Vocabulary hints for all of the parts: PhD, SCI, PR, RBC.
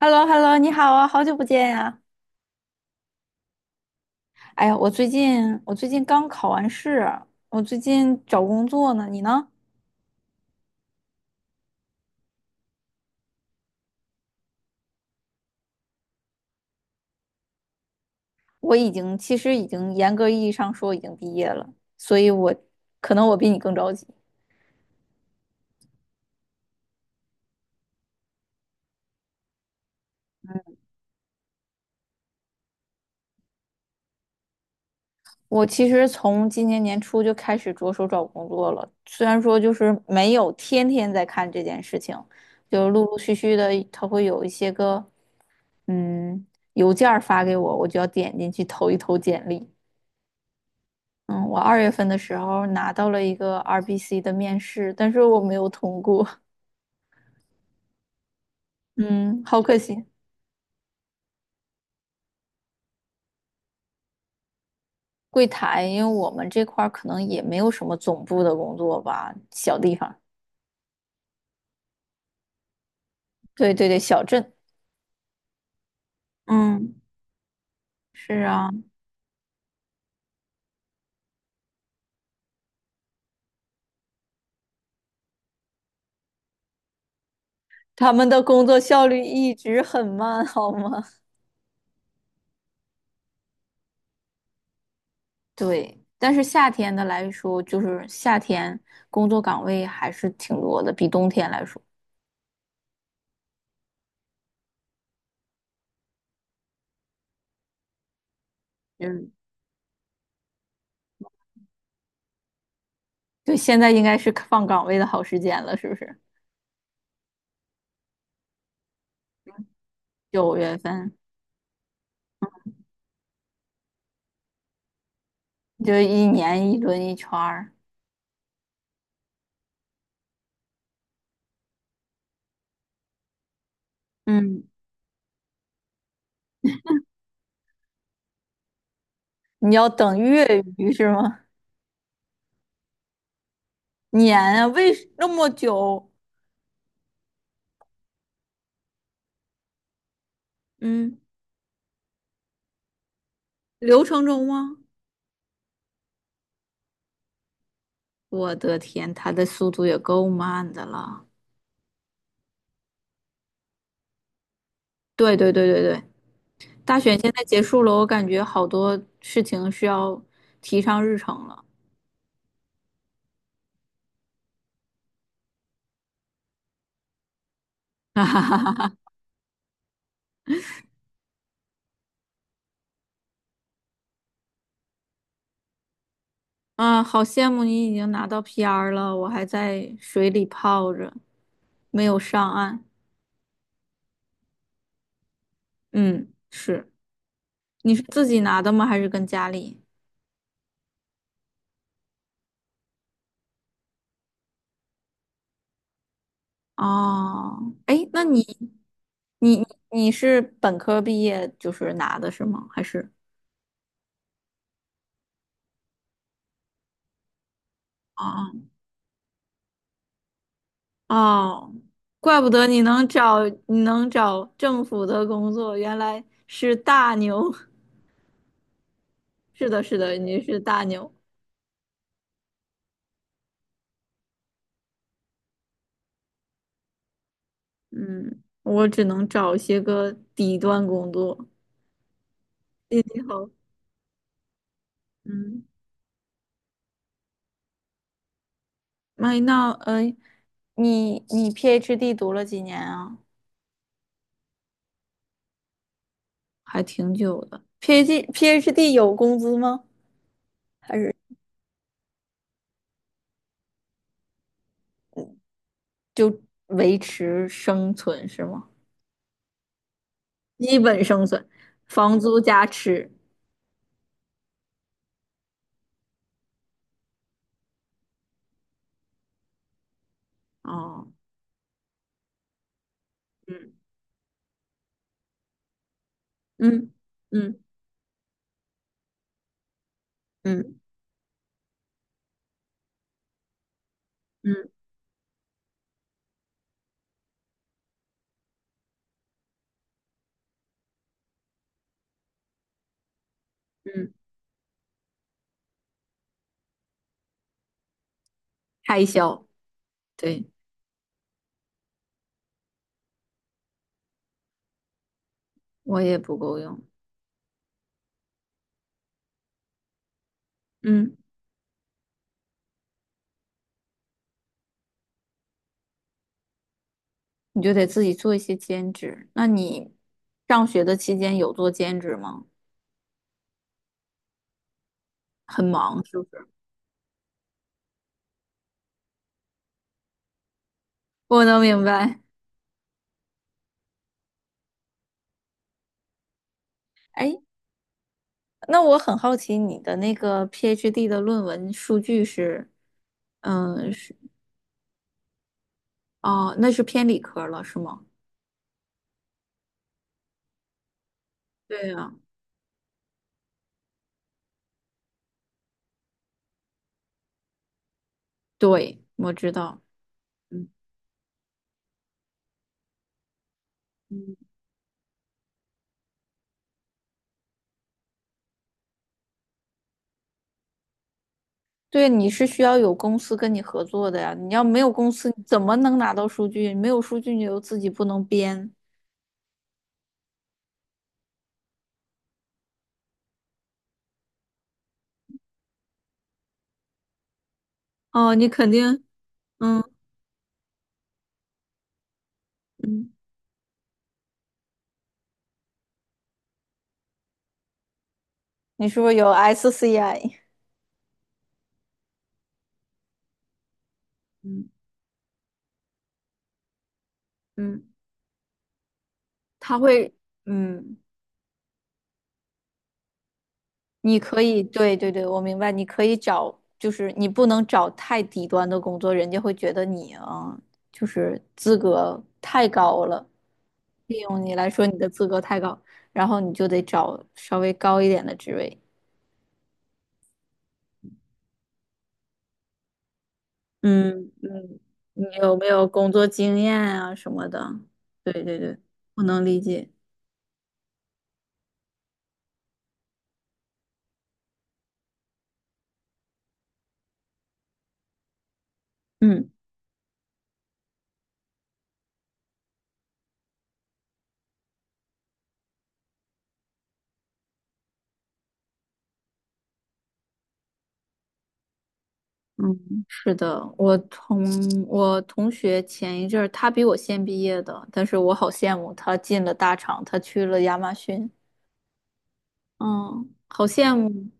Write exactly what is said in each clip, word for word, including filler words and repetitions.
h e l l o h e l l o 你好啊，好久不见呀！哎呀，我最近我最近刚考完试，我最近找工作呢，你呢？我已经其实已经严格意义上说已经毕业了，所以我可能我比你更着急。我其实从今年年初就开始着手找工作了，虽然说就是没有天天在看这件事情，就陆陆续续的，它会有一些个嗯邮件儿发给我，我就要点进去投一投简历。嗯，我二月份的时候拿到了一个 R B C 的面试，但是我没有通过，嗯，好可惜。柜台，因为我们这块儿可能也没有什么总部的工作吧，小地方，对对对，小镇，嗯，是啊，他们的工作效率一直很慢，好吗？对，但是夏天的来说，就是夏天工作岗位还是挺多的，比冬天来说，嗯，对，现在应该是放岗位的好时间了，是不是？九月份。就一年一轮一圈儿。嗯，你要等月余是吗？年啊，为什那么久？嗯，流程中吗？我的天，他的速度也够慢的了。对对对对对，大选现在结束了，我感觉好多事情是要提上日程了。啊，好羡慕你已经拿到 P R 了，我还在水里泡着，没有上岸。嗯，是，你是自己拿的吗？还是跟家里？哦，哎，那你你你你是本科毕业就是拿的是吗？还是？哦哦，怪不得你能找你能找政府的工作，原来是大牛。是的，是的，你是大牛。嗯，我只能找些个底端工作。你好，嗯，麦那呃，你你 PhD 读了几年啊？还挺久的。PhD PhD 有工资吗？还是？就维持生存是吗？基本生存，房租加吃。哦，嗯嗯嗯嗯嗯嗯，开销，对，我也不够用。嗯，你就得自己做一些兼职。那你上学的期间有做兼职吗？很忙是不是？我能明白。哎，那我很好奇你的那个 PhD 的论文数据是，嗯，是哦，那是偏理科了是吗？对呀，对，我知道。嗯嗯，对，你是需要有公司跟你合作的呀。你要没有公司，你怎么能拿到数据？没有数据，你又自己不能编。哦，你肯定，嗯嗯你是不是有 S C I？嗯嗯，他会，嗯，你可以，对对对，我明白，你可以找，就是你不能找太低端的工作，人家会觉得你啊，就是资格太高了，利用你来说你的资格太高，然后你就得找稍微高一点的职位。嗯嗯，你有没有工作经验啊什么的？对对对，我能理解。嗯。嗯，是的，我同我同学前一阵儿，他比我先毕业的，但是我好羡慕他进了大厂，他去了亚马逊，嗯，好羡慕。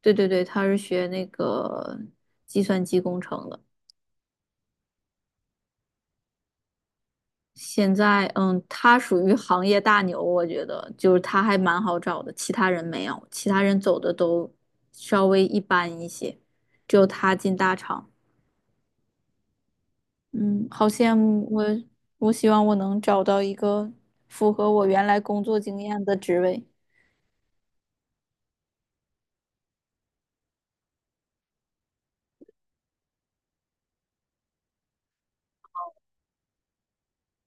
对对对，他是学那个计算机工程的，现在嗯，他属于行业大牛，我觉得就是他还蛮好找的，其他人没有，其他人走的都稍微一般一些，只有他进大厂。嗯，好羡慕我！我希望我能找到一个符合我原来工作经验的职位，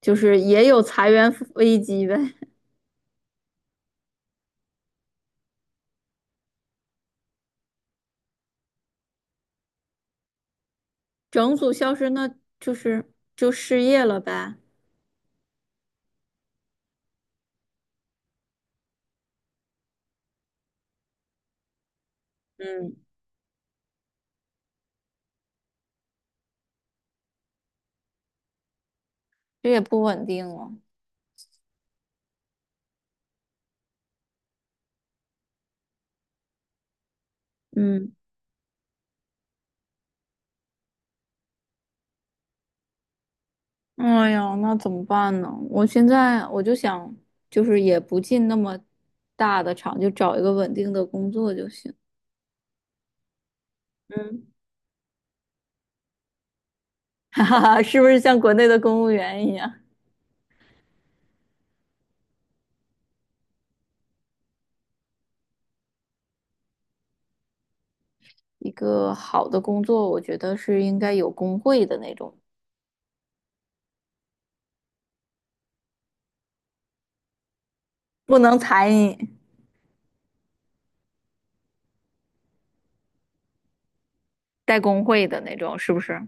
就是也有裁员危机呗，整组消失，那就是就失业了呗。嗯，这也不稳定了。嗯，哎呀，那怎么办呢？我现在我就想，就是也不进那么大的厂，就找一个稳定的工作就行。嗯，哈哈哈，是不是像国内的公务员一样？一个好的工作，我觉得是应该有工会的那种，不能裁你，带工会的那种，是不是？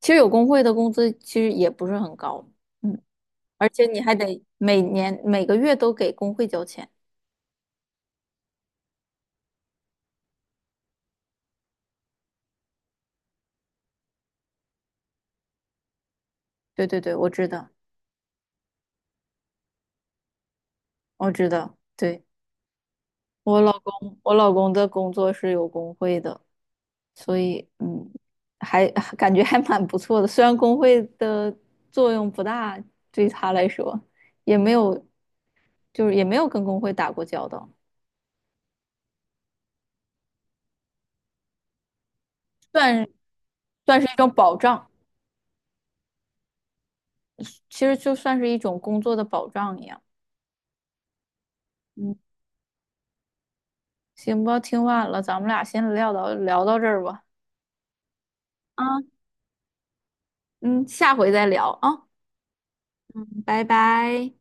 其实有工会的工资其实也不是很高，嗯，而且你还得每年每个月都给工会交钱。对对对，我知道，我知道，对，我老公，我老公的工作是有工会的，所以嗯，还感觉还蛮不错的。虽然工会的作用不大，对他来说也没有，就是也没有跟工会打过交道，算算是一种保障，其实就算是一种工作的保障一样。嗯，行吧，听晚了，咱们俩先聊到聊到这儿吧。啊，嗯，下回再聊啊，嗯，拜拜。